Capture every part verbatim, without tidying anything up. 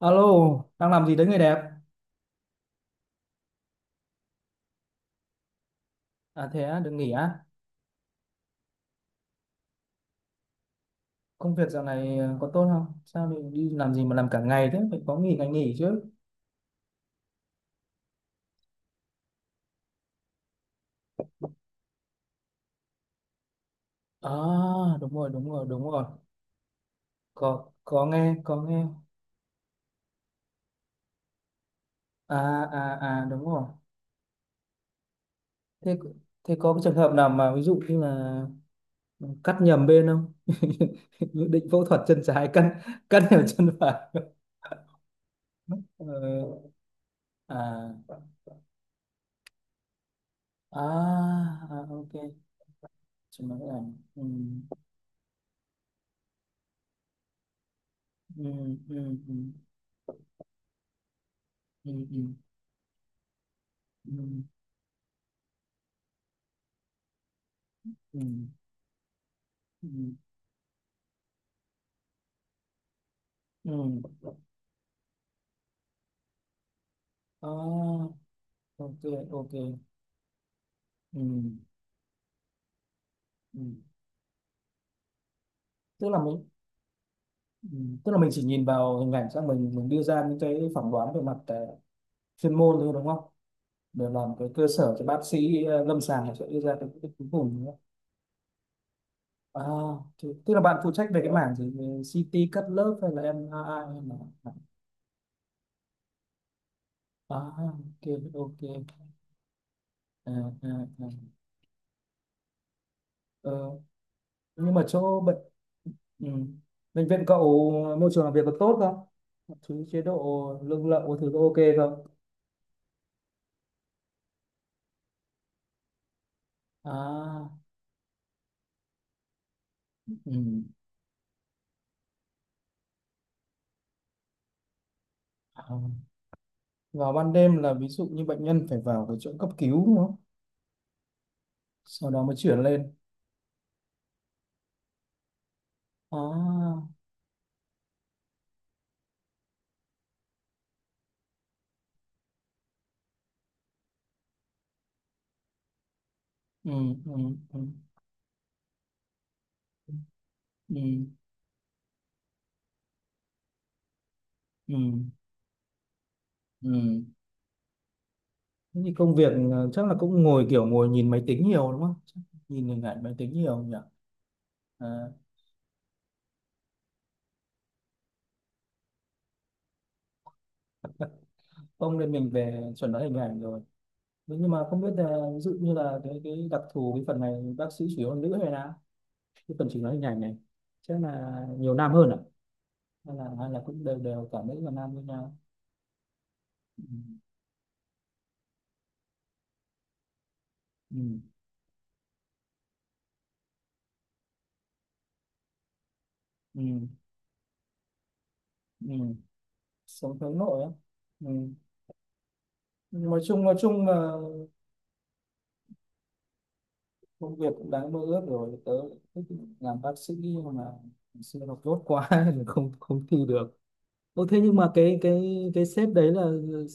Alo, đang làm gì đấy người đẹp? À thế á, được nghỉ á? Công việc dạo này ờ, có tốt không? Sao lại đi làm gì mà làm cả ngày thế? Phải có nghỉ ngày nghỉ chứ. À, đúng rồi, đúng rồi, đúng rồi. Có có nghe, có nghe. À à à đúng rồi. Thế thế có cái trường hợp nào mà ví dụ như là cắt nhầm bên không? Dự định phẫu thuật chân trái cắt cắt nhầm chân phải. Ờ, à, à, à, ok. Chỉ nói là ừ, ừ, ừ, ừ. Ừ, ừ, ừ, ừ, ừ, ừ, à, ok, ok, ừ, ừ, tức là mình ừ, tức là mình chỉ nhìn vào hình ảnh xong mình mình đưa ra những cái phỏng đoán về mặt ờ, chuyên môn thôi đúng không, để làm cái cơ sở cho bác sĩ ờ, lâm sàng sẽ đưa ra cái quyết định cuối cùng nữa. À thì, tức là bạn phụ trách về cái mảng gì? Về xê tê cắt lớp hay là em e rờ i hay là à, ok, ok, à, à, à. Ờ, nhưng mà chỗ bệnh. Ừ. Bệnh viện cậu ờ, môi trường làm việc có tốt không? Mọi thứ chế độ lương lậu có thứ có ok không? À, ừ. À. Vào ban đêm là ví dụ như bệnh nhân phải vào cái chỗ cấp cứu đúng không? Sau đó mới chuyển lên. À, ừ, ừ, ừ, ừ, ừ, ừ. Thế thì công việc ờ, chắc là cũng ngồi kiểu ngồi nhìn máy tính nhiều đúng không? Chắc nhìn hình ảnh máy tính nhiều nhỉ? À, không nên mình về chuẩn đoán hình ảnh rồi. Đúng, nhưng mà không biết là ví dụ như là cái cái đặc thù cái phần này bác sĩ chủ yếu là nữ hay là cái phần chỉnh nói hình ảnh này chắc là nhiều nam hơn à, hay là hay là cũng đều đều cả nữ và nam với nhau. Ừ. Ừ. Ừ. Ừ. Sống hướng nội á. Ừ. Nhưng nói chung nói chung là công việc cũng đáng mơ ước rồi. Tớ thích làm bác sĩ nhưng mà xưa học dốt quá nên không không thi được. Ồ, thế nhưng mà cái cái cái sếp đấy là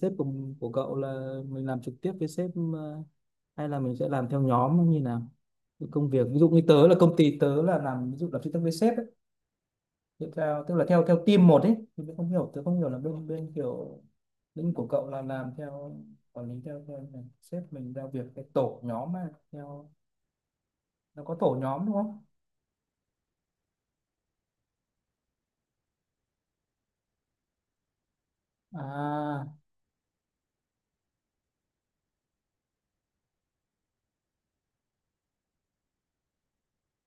sếp của của cậu, là mình làm trực tiếp với sếp ờ, hay là mình sẽ làm theo nhóm như nào? Cái công việc ví dụ như tớ là công ty tớ là làm ví dụ là phân tích với sếp ấy, thì theo tức là theo theo team một ấy, thì tớ không hiểu tớ không hiểu là bên bên kiểu lĩnh của cậu là làm theo quản lý theo, theo là sếp mình giao việc cái tổ nhóm mà theo, nó có tổ nhóm đúng không? À,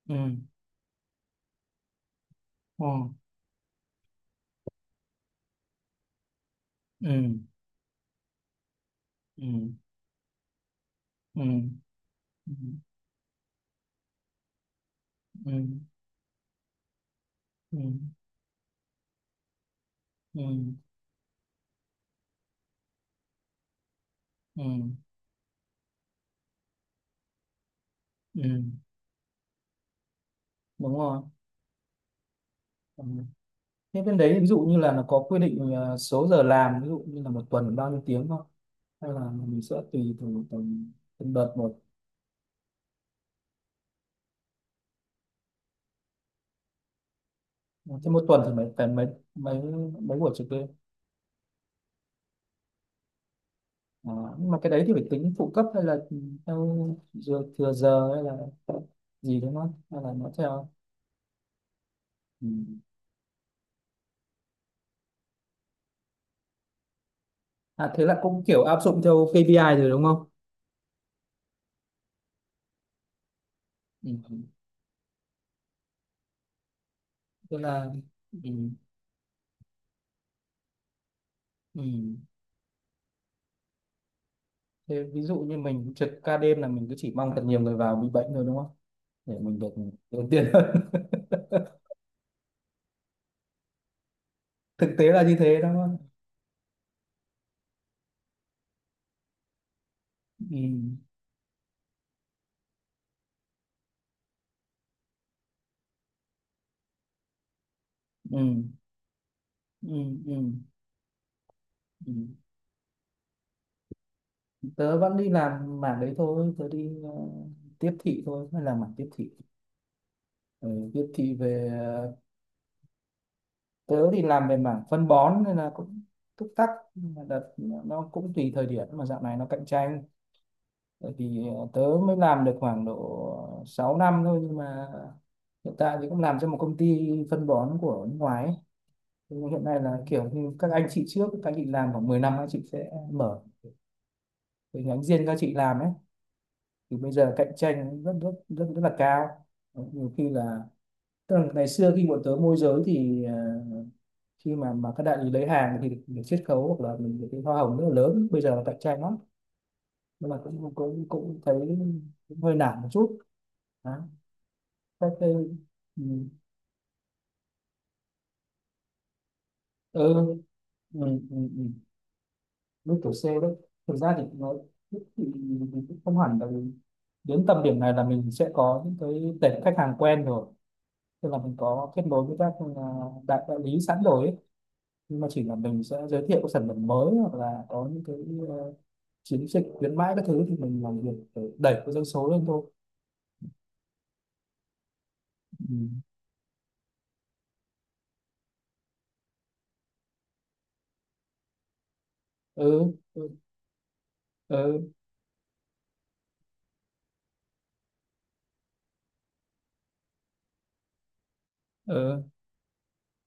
ừ, ừ, ừ, ừ, ừ, ừ, ừ, ừ, ừ, ừ, ừ. Ừ, đúng rồi. Ừ. Thế bên đấy ví dụ như là nó có quy định ờ, số giờ làm ví dụ như là một tuần bao nhiêu tiếng không, hay là mình sẽ tùy từ từng từng đợt một? Thế một tuần thì mấy phải mấy mấy mấy buổi trực đêm? À, nhưng mà cái đấy thì phải tính phụ cấp hay là theo giờ, thừa giờ hay là gì đúng không, hay là nó theo? Ừ. À thế là cũng kiểu áp dụng theo ca pê i rồi đúng không? Ừ. Ừ. Tức là ừ. Ừ. Thế ví dụ như mình trực ca đêm là mình cứ chỉ mong thật nhiều người vào bị bệnh thôi đúng không, để mình được ưu tiên. Thực tế là như thế đó. Ừ. Ừ. Ừ. Ừ. Ừ. Tớ vẫn đi làm mảng đấy thôi, tớ đi ờ, tiếp thị thôi, hay là mảng tiếp thị. Ừ, tiếp thị về ờ, tớ thì làm về mảng phân bón nên là cũng túc tắc. Nhưng mà đợt nó cũng tùy thời điểm mà dạo này nó cạnh tranh. Bởi vì ờ, tớ mới làm được khoảng độ sáu năm thôi, nhưng mà hiện tại thì cũng làm cho một công ty phân bón của nước ngoài ấy. Nhưng hiện nay là kiểu như các anh chị trước, các anh chị làm khoảng mười năm các anh chị sẽ mở cái nhánh riêng các chị làm ấy, thì bây giờ cạnh tranh rất rất rất rất là cao. Nhiều khi là tức là ngày xưa khi bọn tớ môi giới thì ờ, khi mà mà các đại lý lấy hàng thì được, được chiết khấu hoặc là mình được cái hoa hồng rất là lớn, bây giờ là cạnh tranh lắm. Nhưng mà cũng cũng cũng thấy, cũng hơi nản một chút đó. Các cái ừ, ừ, ừ, ừ, ừ. Lúc tuổi C đấy, thực ra thì nó thì, thì thì cũng không hẳn là đến tầm điểm này là mình sẽ có những cái tệp khách hàng quen rồi, tức là mình có kết nối với các à, đại đại lý sẵn rồi ấy. Nhưng mà chỉ là mình sẽ giới thiệu các sản phẩm mới hoặc là có những cái ờ, chiến dịch khuyến mãi các thứ, thì mình làm việc để đẩy cái doanh số lên thôi. Ừ. Ừ, ừ, ừ, ừ.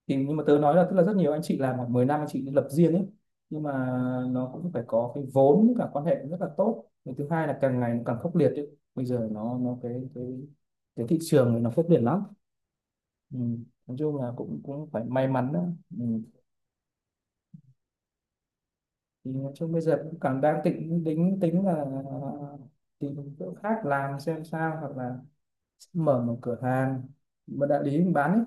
Thì nhưng mà tớ nói là tức là rất nhiều anh chị làm khoảng mười năm anh chị lập riêng ấy, nhưng mà nó cũng phải có cái vốn với cả quan hệ rất là tốt. Và thứ hai là càng ngày nó càng khốc liệt ấy. Bây giờ nó nó cái cái cái thị trường này nó khốc liệt lắm. Ừ. Nói chung là cũng cũng phải may mắn đó. Ừ. Thì nói chung bây giờ cũng cảm đang định tính tính là tìm chỗ khác làm xem sao, hoặc là mở một cửa hàng, một đại lý mình bán ấy.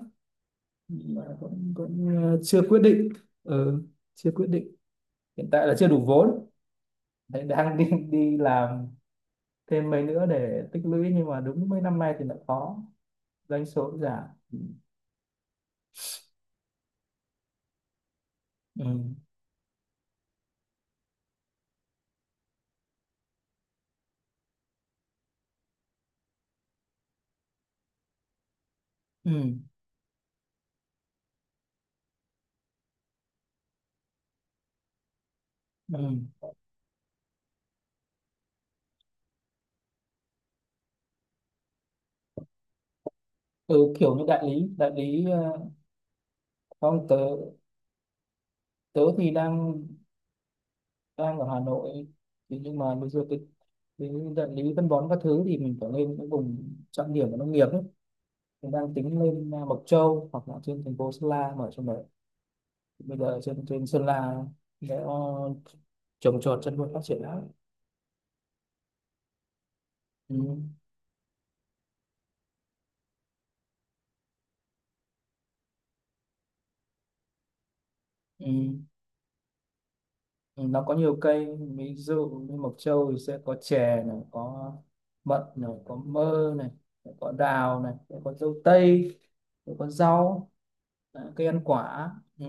Nhưng mà cũng, cũng ờ, chưa quyết định. Ừ, chưa quyết định. Hiện tại là chưa đủ vốn. Đấy, đang đi đi làm thêm mấy nữa để tích lũy, nhưng mà đúng mấy năm nay thì lại khó, doanh số giảm. Ừ. Ừ. Ừ. Ừ kiểu như đại lý, đại lý ờ, không, tớ, tớ thì đang đang ở Hà Nội, thì nhưng mà bây giờ cái cái địa lý phân bón các thứ thì mình phải lên những vùng trọng điểm của nông nghiệp ấy. Mình đang tính lên à, Mộc Châu hoặc là trên thành phố Sơn La mở trong đấy. Bây giờ trên trên Sơn La để ờ, trồng trọt chăn nuôi phát triển lắm. Ừ. Ừ. Ừ. Nó có nhiều cây, ví dụ như Mộc Châu thì sẽ có chè này, có mận này, có mơ này, có đào này, có dâu tây, có rau, à, cây ăn quả. Ừ.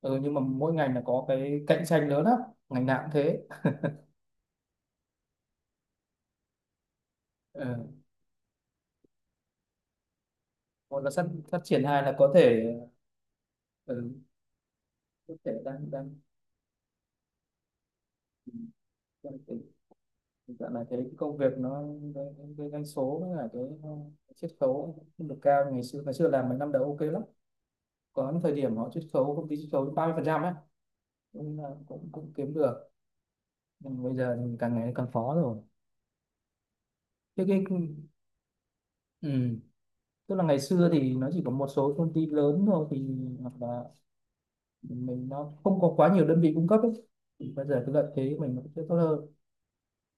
Ừ, nhưng mà mỗi ngành là có cái cạnh tranh lớn lắm, ngành nào cũng thế. Ừ. Một là phát phát triển, hai là có thể, ừ, có thể đang đang đang tình tình trạng này thấy cái công việc nó cái, cái cái doanh số với cả cái cái chiết khấu không được cao. Ngày xưa ngày xưa làm mấy năm đầu ok lắm, có những thời điểm họ chiết khấu công ty chiết khấu ba mươi phần trăm ấy, cũng là cũng cũng kiếm được, nhưng bây giờ thì càng ngày càng khó rồi. Thế cái ừ, tức là ngày xưa thì nó chỉ có một số công ty lớn thôi thì, hoặc là mình nó không có quá nhiều đơn vị cung cấp ấy. Thì bây giờ cái lợi thế của mình nó sẽ tốt hơn,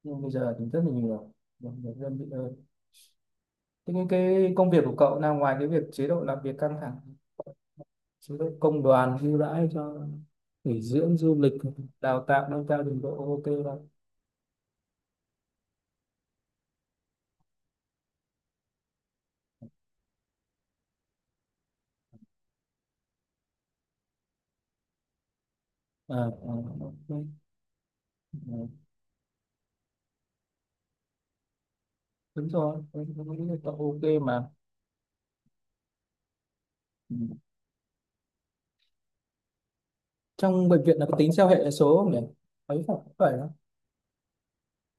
nhưng bây giờ thì rất là nhiều, nhiều nhiều đơn vị hơn. Thế cái, cái công việc của cậu là ngoài cái việc chế độ làm việc căng thẳng, chế độ công đoàn ưu đãi cho nghỉ dưỡng du lịch, đào tạo nâng cao trình độ ok không? À, à, ok, à, đúng rồi, tôi tôi nghĩ là cậu ok mà. Ừ. Trong bệnh viện là có tính theo hệ số không nhỉ? Ấy phải, phải đó.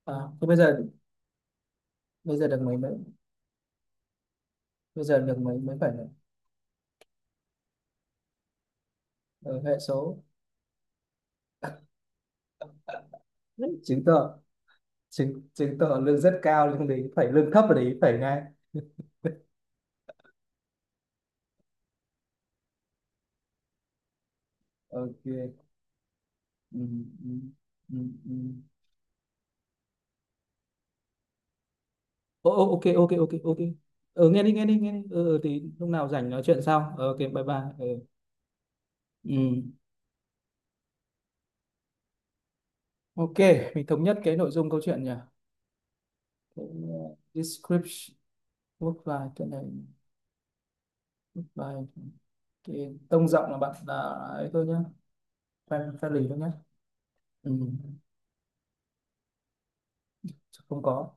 À thế bây giờ, bây giờ được mấy mấy, bây giờ được mấy mấy phải là ờ, hệ số. Chứng tỏ chứng chứng tỏ lương rất cao, lương đấy phải lương thấp ở đấy phải ngay. Ok. Ừ, ừ, ừ, ừ. Ô, ô, ok, ok, ok, ok. Ờ, nghe đi, nghe đi, nghe đi, ờ, ờ, thì lúc nào rảnh nói chuyện sau. Ờ, ok, bye bye. Ờ. Ừ. Ok, mình thống nhất cái nội dung câu chuyện nhỉ. Cái, uh, description, work life, cái này work life, cái tông giọng là bạn là ấy thôi nhá, fan fan lì thôi nhá. Ừ. Không có.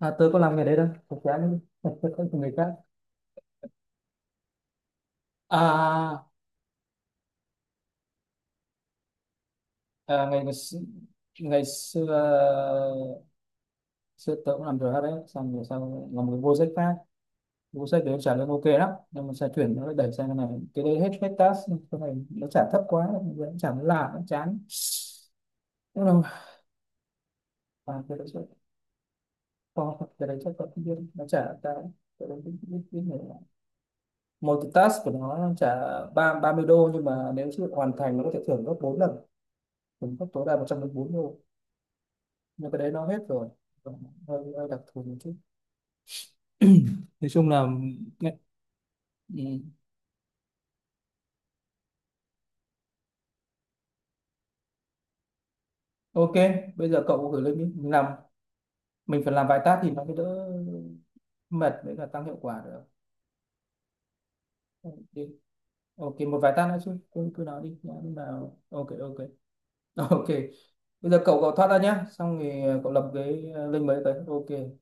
À, tớ có làm nghề đấy đâu thật ra. Không, người khác. À, À, ngày, ngày x- ngày xưa xưa tớ cũng làm được hết đấy, xong rồi sau làm cái vô sách khác, vô sách đấy trả lương ok lắm nhưng mà sẽ chuyển nó lại đẩy sang cái này, cái đấy hết hết task, cái này nó trả thấp quá, nó trả nó lạ nó chán. Nhưng mà à, cái đấy chắc có, cái đấy chắc có, không biết nó trả cái cái đấy biết biết biết nhiều lắm. Một cái task của nó nó trả ba ba mươi đô, nhưng mà nếu chưa hoàn thành nó có thể thưởng gấp bốn lần, thưởng gấp tối đa một trăm bốn mươi đô. Nhưng cái đấy nó hết rồi. Hơi, hơi đặc thù một chút. Nói chung là ừ. Ok, bây giờ cậu gửi lên đi mình làm. Mình phải làm vài task thì nó mới đỡ mệt với cả tăng hiệu quả được. Ừ, ok, một vài task nữa chứ, cứ cứ nói đi nhá, nhưng mà ok, ok. Ok. Bây giờ cậu cậu thoát ra nhá, xong thì cậu lập cái link mới tới, ok.